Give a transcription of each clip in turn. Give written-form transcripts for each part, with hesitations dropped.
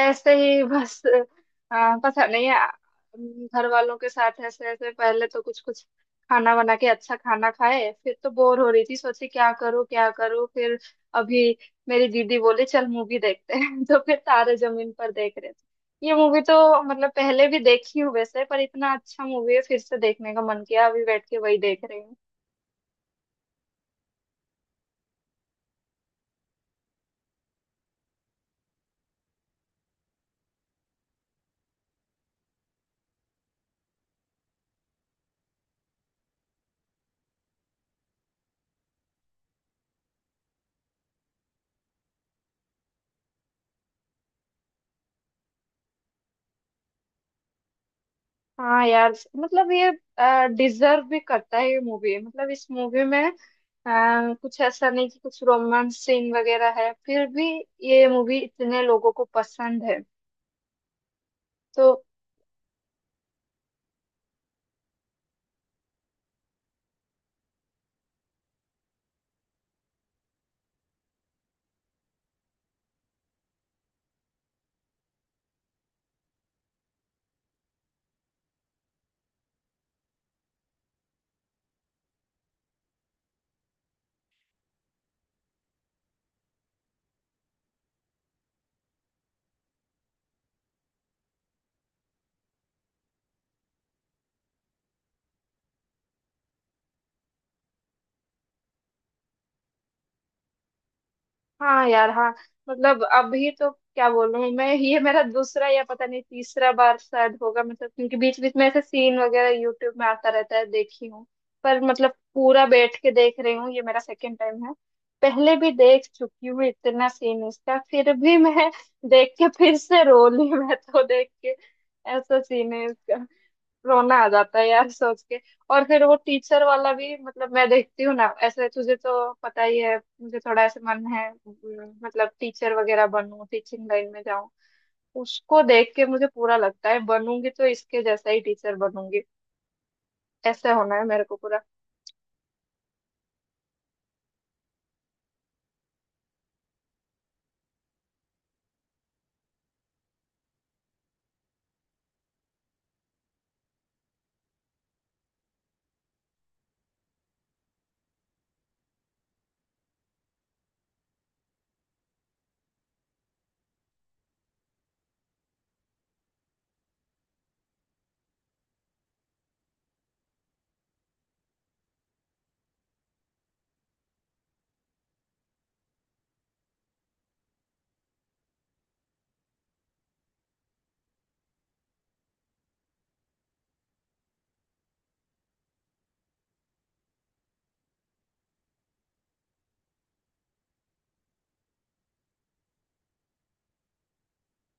ऐसे ही बस। पता नहीं। घर वालों के साथ ऐसे ऐसे पहले तो कुछ कुछ खाना बना के अच्छा खाना खाए। फिर तो बोर हो रही थी, सोची क्या करूँ फिर। अभी मेरी दीदी बोली चल मूवी देखते हैं तो फिर तारे जमीन पर देख रहे थे। ये मूवी तो मतलब पहले भी देखी हूँ वैसे, पर इतना अच्छा मूवी है फिर से देखने का मन किया, अभी बैठ के वही देख रही। हाँ यार। मतलब ये डिजर्व भी करता है ये मूवी। मतलब इस मूवी में कुछ ऐसा नहीं कि कुछ रोमांस सीन वगैरह है, फिर भी ये मूवी इतने लोगों को पसंद है। तो हाँ यार, हाँ। मतलब अभी तो क्या बोलूं मैं, ये मेरा दूसरा या पता नहीं तीसरा बार शायद होगा। मतलब क्योंकि बीच बीच में ऐसे सीन वगैरह यूट्यूब में आता रहता है, देखी हूँ। पर मतलब पूरा बैठ के देख रही हूँ ये मेरा सेकंड टाइम है। पहले भी देख चुकी हूँ इतना सीन इसका, फिर भी मैं देख के फिर से रो ली मैं तो देख के ऐसा सीन है इसका, रोना आ जाता है यार सोच के। और फिर वो टीचर वाला भी, मतलब मैं देखती हूँ ना ऐसे, तुझे तो पता ही है मुझे थोड़ा ऐसे मन है, मतलब टीचर वगैरह बनूं, टीचिंग लाइन में जाऊं। उसको देख के मुझे पूरा लगता है बनूंगी तो इसके जैसा ही टीचर बनूंगी। ऐसे होना है मेरे को पूरा।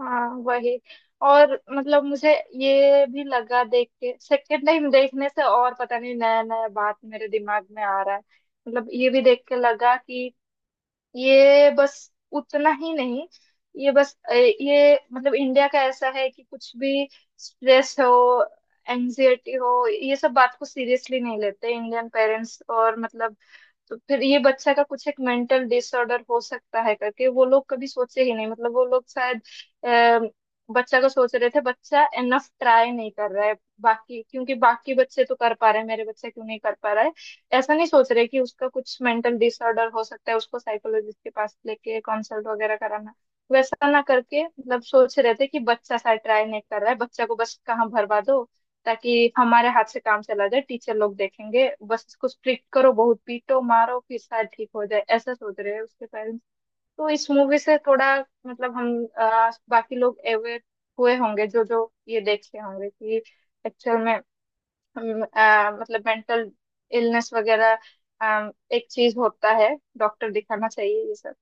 हाँ, वही। और मतलब मुझे ये भी लगा देख के, सेकेंड टाइम देखने से और पता नहीं नया नया बात मेरे दिमाग में आ रहा है। मतलब ये भी देख के लगा कि ये बस उतना ही नहीं, ये बस ये मतलब इंडिया का ऐसा है कि कुछ भी स्ट्रेस हो, एंजाइटी हो, ये सब बात को सीरियसली नहीं लेते इंडियन पेरेंट्स और मतलब। तो फिर ये बच्चा का कुछ एक मेंटल डिसऑर्डर हो सकता है करके वो लोग कभी सोचे ही नहीं। मतलब वो लोग शायद अ, बच्चा को सोच रहे थे बच्चा इनफ ट्राई नहीं कर रहा है। बाकी क्योंकि बाकी बच्चे तो कर पा रहे हैं, मेरे बच्चे क्यों नहीं कर पा रहा है, ऐसा नहीं सोच रहे कि उसका कुछ मेंटल डिसऑर्डर हो सकता है, उसको साइकोलॉजिस्ट के पास लेके कंसल्ट वगैरह कराना। वैसा ना करके मतलब सोच रहे थे कि बच्चा सा ट्राई नहीं कर रहा है, बच्चा को बस कहाँ भरवा दो ताकि हमारे हाथ से काम चला जाए, टीचर लोग देखेंगे, बस इसको स्ट्रिक्ट करो, बहुत पीटो मारो फिर शायद ठीक हो जाए, ऐसा सोच रहे हैं उसके पेरेंट्स। तो इस मूवी से थोड़ा मतलब हम बाकी लोग अवेयर हुए होंगे जो जो ये देखे होंगे कि एक्चुअल में हम, मतलब मेंटल इलनेस वगैरह एक चीज होता है, डॉक्टर दिखाना चाहिए ये सब।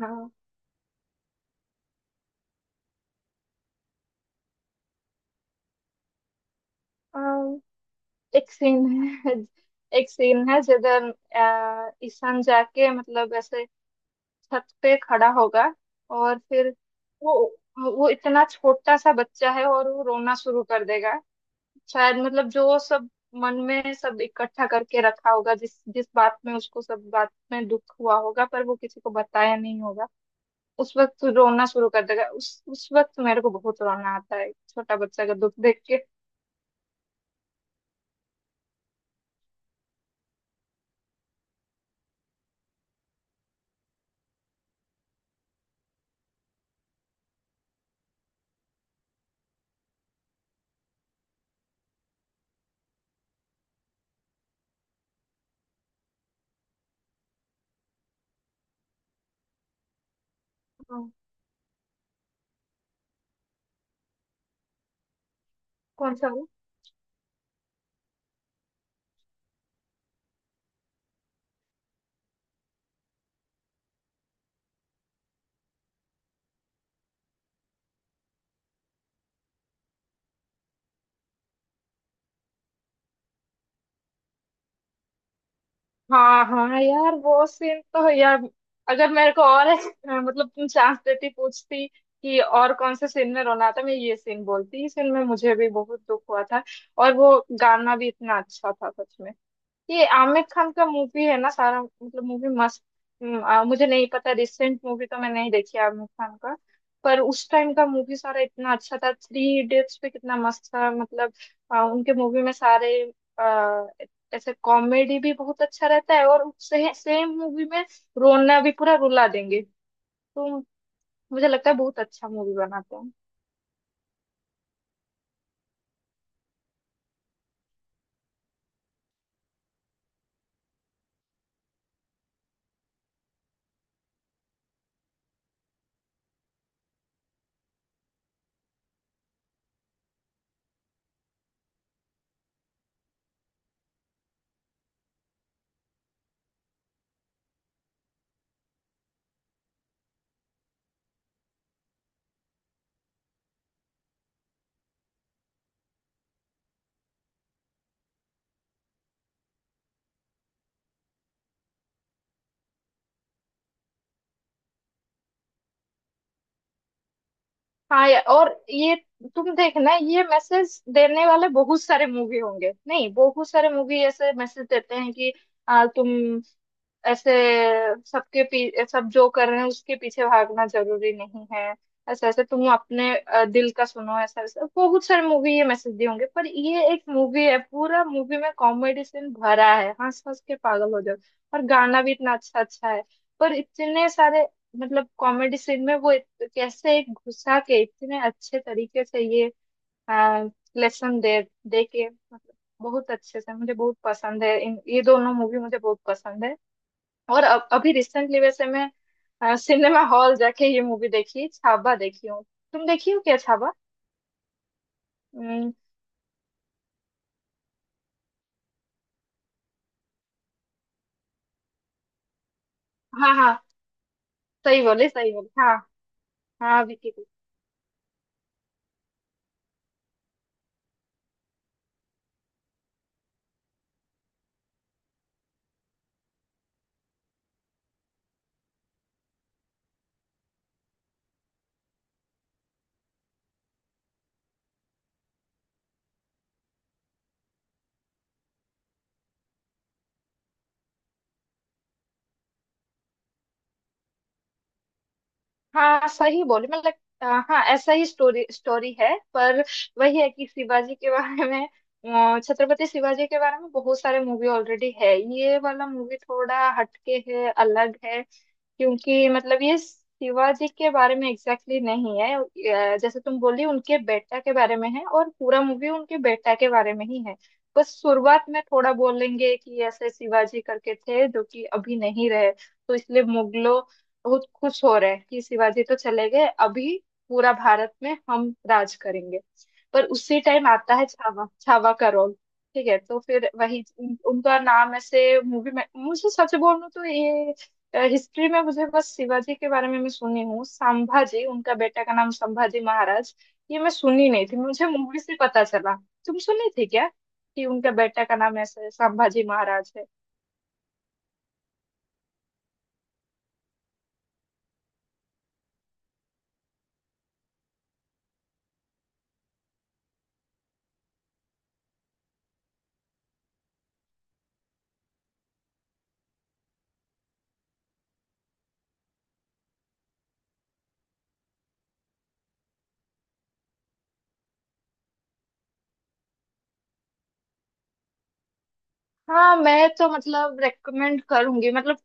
हाँ। अम, एक सीन है एक सीन है जिधर ईशान जाके मतलब ऐसे छत पे खड़ा होगा और फिर वो वो इतना छोटा सा बच्चा है और वो रोना शुरू कर देगा। शायद मतलब जो सब मन में सब इकट्ठा करके रखा होगा, जिस जिस बात में उसको सब बात में दुख हुआ होगा पर वो किसी को बताया नहीं होगा, उस वक्त तू रोना शुरू कर देगा। उस वक्त तो मेरे को बहुत रोना आता है छोटा बच्चा का दुख देख के। हाँ। कौन सा वो? हाँ हाँ यार, वो सीन तो है यार। अगर मेरे को और मतलब तुम चांस देती पूछती कि और कौन से सीन में रोना था, मैं ये सीन बोलती। इस सीन में मुझे भी बहुत दुख हुआ था। और वो गाना भी इतना अच्छा था सच में। ये आमिर खान का मूवी है ना, सारा मतलब मूवी मस्त। मुझे नहीं पता, रिसेंट मूवी तो मैं नहीं देखी आमिर खान का। पर उस टाइम का मूवी सारा इतना अच्छा था, थ्री इडियट्स पे कितना मस्त था मतलब। उनके मूवी में सारे आ, ऐसे कॉमेडी भी बहुत अच्छा रहता है और सेम मूवी में रोना भी पूरा रुला देंगे। तो मुझे लगता है बहुत अच्छा मूवी बनाते हैं। हाँ और ये, तुम देखना ये मैसेज देने वाले बहुत सारे मूवी होंगे, नहीं बहुत सारे मूवी ऐसे मैसेज देते हैं कि तुम ऐसे, सबके पी सब जो कर रहे हैं उसके पीछे भागना जरूरी नहीं है, ऐसे ऐसे तुम अपने दिल का सुनो, ऐसा ऐसा बहुत सारी मूवी ये मैसेज दिए होंगे। पर ये एक मूवी है पूरा मूवी में कॉमेडी सीन भरा है, हंस हंस के पागल हो जाओ। और गाना भी इतना अच्छा अच्छा है। पर इतने सारे मतलब कॉमेडी सीन में वो कैसे एक घुसा के इतने अच्छे तरीके से ये लेसन दे दे के मतलब बहुत अच्छे से। मुझे बहुत पसंद है इन, ये दोनों मूवी मुझे बहुत पसंद है। और अब अभी रिसेंटली वैसे मैं सिनेमा हॉल जाके ये मूवी देखी, छावा देखी हूँ। तुम देखी हो क्या छावा? हम्म। हाँ हाँ। सही बोले सही बोले, हाँ। हाँ, विकी को। हाँ सही बोले, मतलब अ, हाँ ऐसा ही स्टोरी स्टोरी है, पर वही है कि शिवाजी के बारे में, छत्रपति शिवाजी के बारे में बहुत सारे मूवी ऑलरेडी है, ये वाला मूवी थोड़ा हटके है, अलग है। क्योंकि मतलब ये शिवाजी के बारे में एग्जैक्टली exactly नहीं है। जैसे तुम बोली उनके बेटा के बारे में है, और पूरा मूवी उनके बेटा के बारे में ही है। बस शुरुआत में थोड़ा बोलेंगे कि ऐसे शिवाजी करके थे जो कि अभी नहीं रहे, तो इसलिए मुगलों बहुत खुश हो रहे हैं कि शिवाजी तो चले गए अभी, पूरा भारत में हम राज करेंगे। पर उसी टाइम आता है छावा, छावा का रोल। ठीक है। तो फिर वही उनका नाम ऐसे मूवी में, मुझे सच बोलूं तो ये हिस्ट्री में मुझे बस शिवाजी के बारे में मैं सुनी हूँ, संभाजी उनका बेटा का नाम, संभाजी महाराज, ये मैं सुनी नहीं थी, मुझे मूवी से पता चला। तुम सुनी थी क्या कि उनका बेटा का नाम ऐसे संभाजी महाराज है? हाँ मैं तो मतलब रेकमेंड करूंगी। मतलब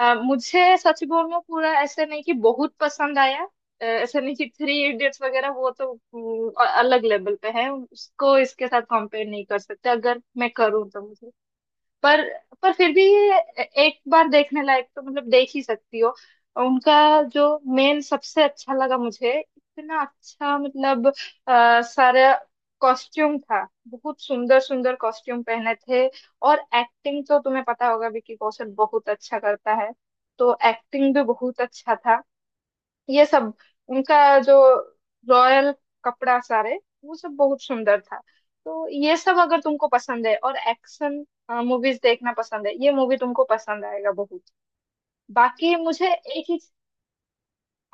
मुझे सच बोलूं पूरा ऐसे नहीं कि बहुत पसंद आया। ऐसे नहीं कि थ्री इडियट्स वगैरह, वो तो अलग लेवल पे है, उसको इसके साथ कंपेयर नहीं कर सकते अगर मैं करूँ तो। पर पर फिर भी ये एक बार देखने लायक तो मतलब देख ही सकती हो। उनका जो मेन सबसे अच्छा लगा मुझे इतना अच्छा, मतलब सारा कॉस्ट्यूम था, बहुत सुंदर सुंदर कॉस्ट्यूम पहने थे। और एक्टिंग तो तुम्हें पता होगा विकी कौशल बहुत अच्छा करता है, तो एक्टिंग भी बहुत अच्छा था। ये सब उनका जो रॉयल कपड़ा सारे, वो सब बहुत सुंदर था। तो ये सब अगर तुमको पसंद है और एक्शन मूवीज देखना पसंद है, ये मूवी तुमको पसंद आएगा बहुत। बाकी मुझे एक ही।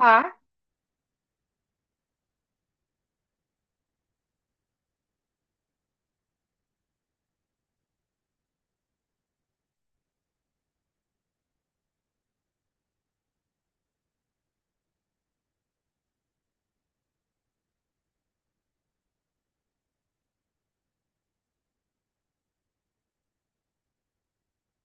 हाँ।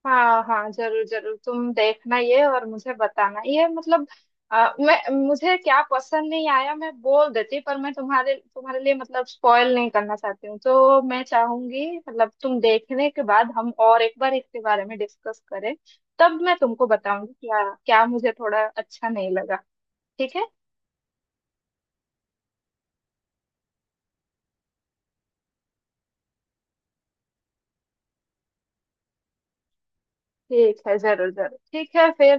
हाँ हाँ जरूर जरूर, तुम देखना ये और मुझे बताना ये। मतलब मैं, मुझे क्या पसंद नहीं आया मैं बोल देती, पर मैं तुम्हारे तुम्हारे लिए मतलब स्पॉइल नहीं करना चाहती हूँ। तो मैं चाहूंगी मतलब तुम देखने के बाद हम और एक बार इसके बारे में डिस्कस करें। तब मैं तुमको बताऊंगी क्या क्या मुझे थोड़ा अच्छा नहीं लगा। ठीक है। ठीक है जरूर जरूर ठीक है फिर।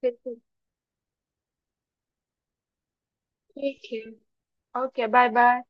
फिर फिर- ठीक है। Okay, bye bye.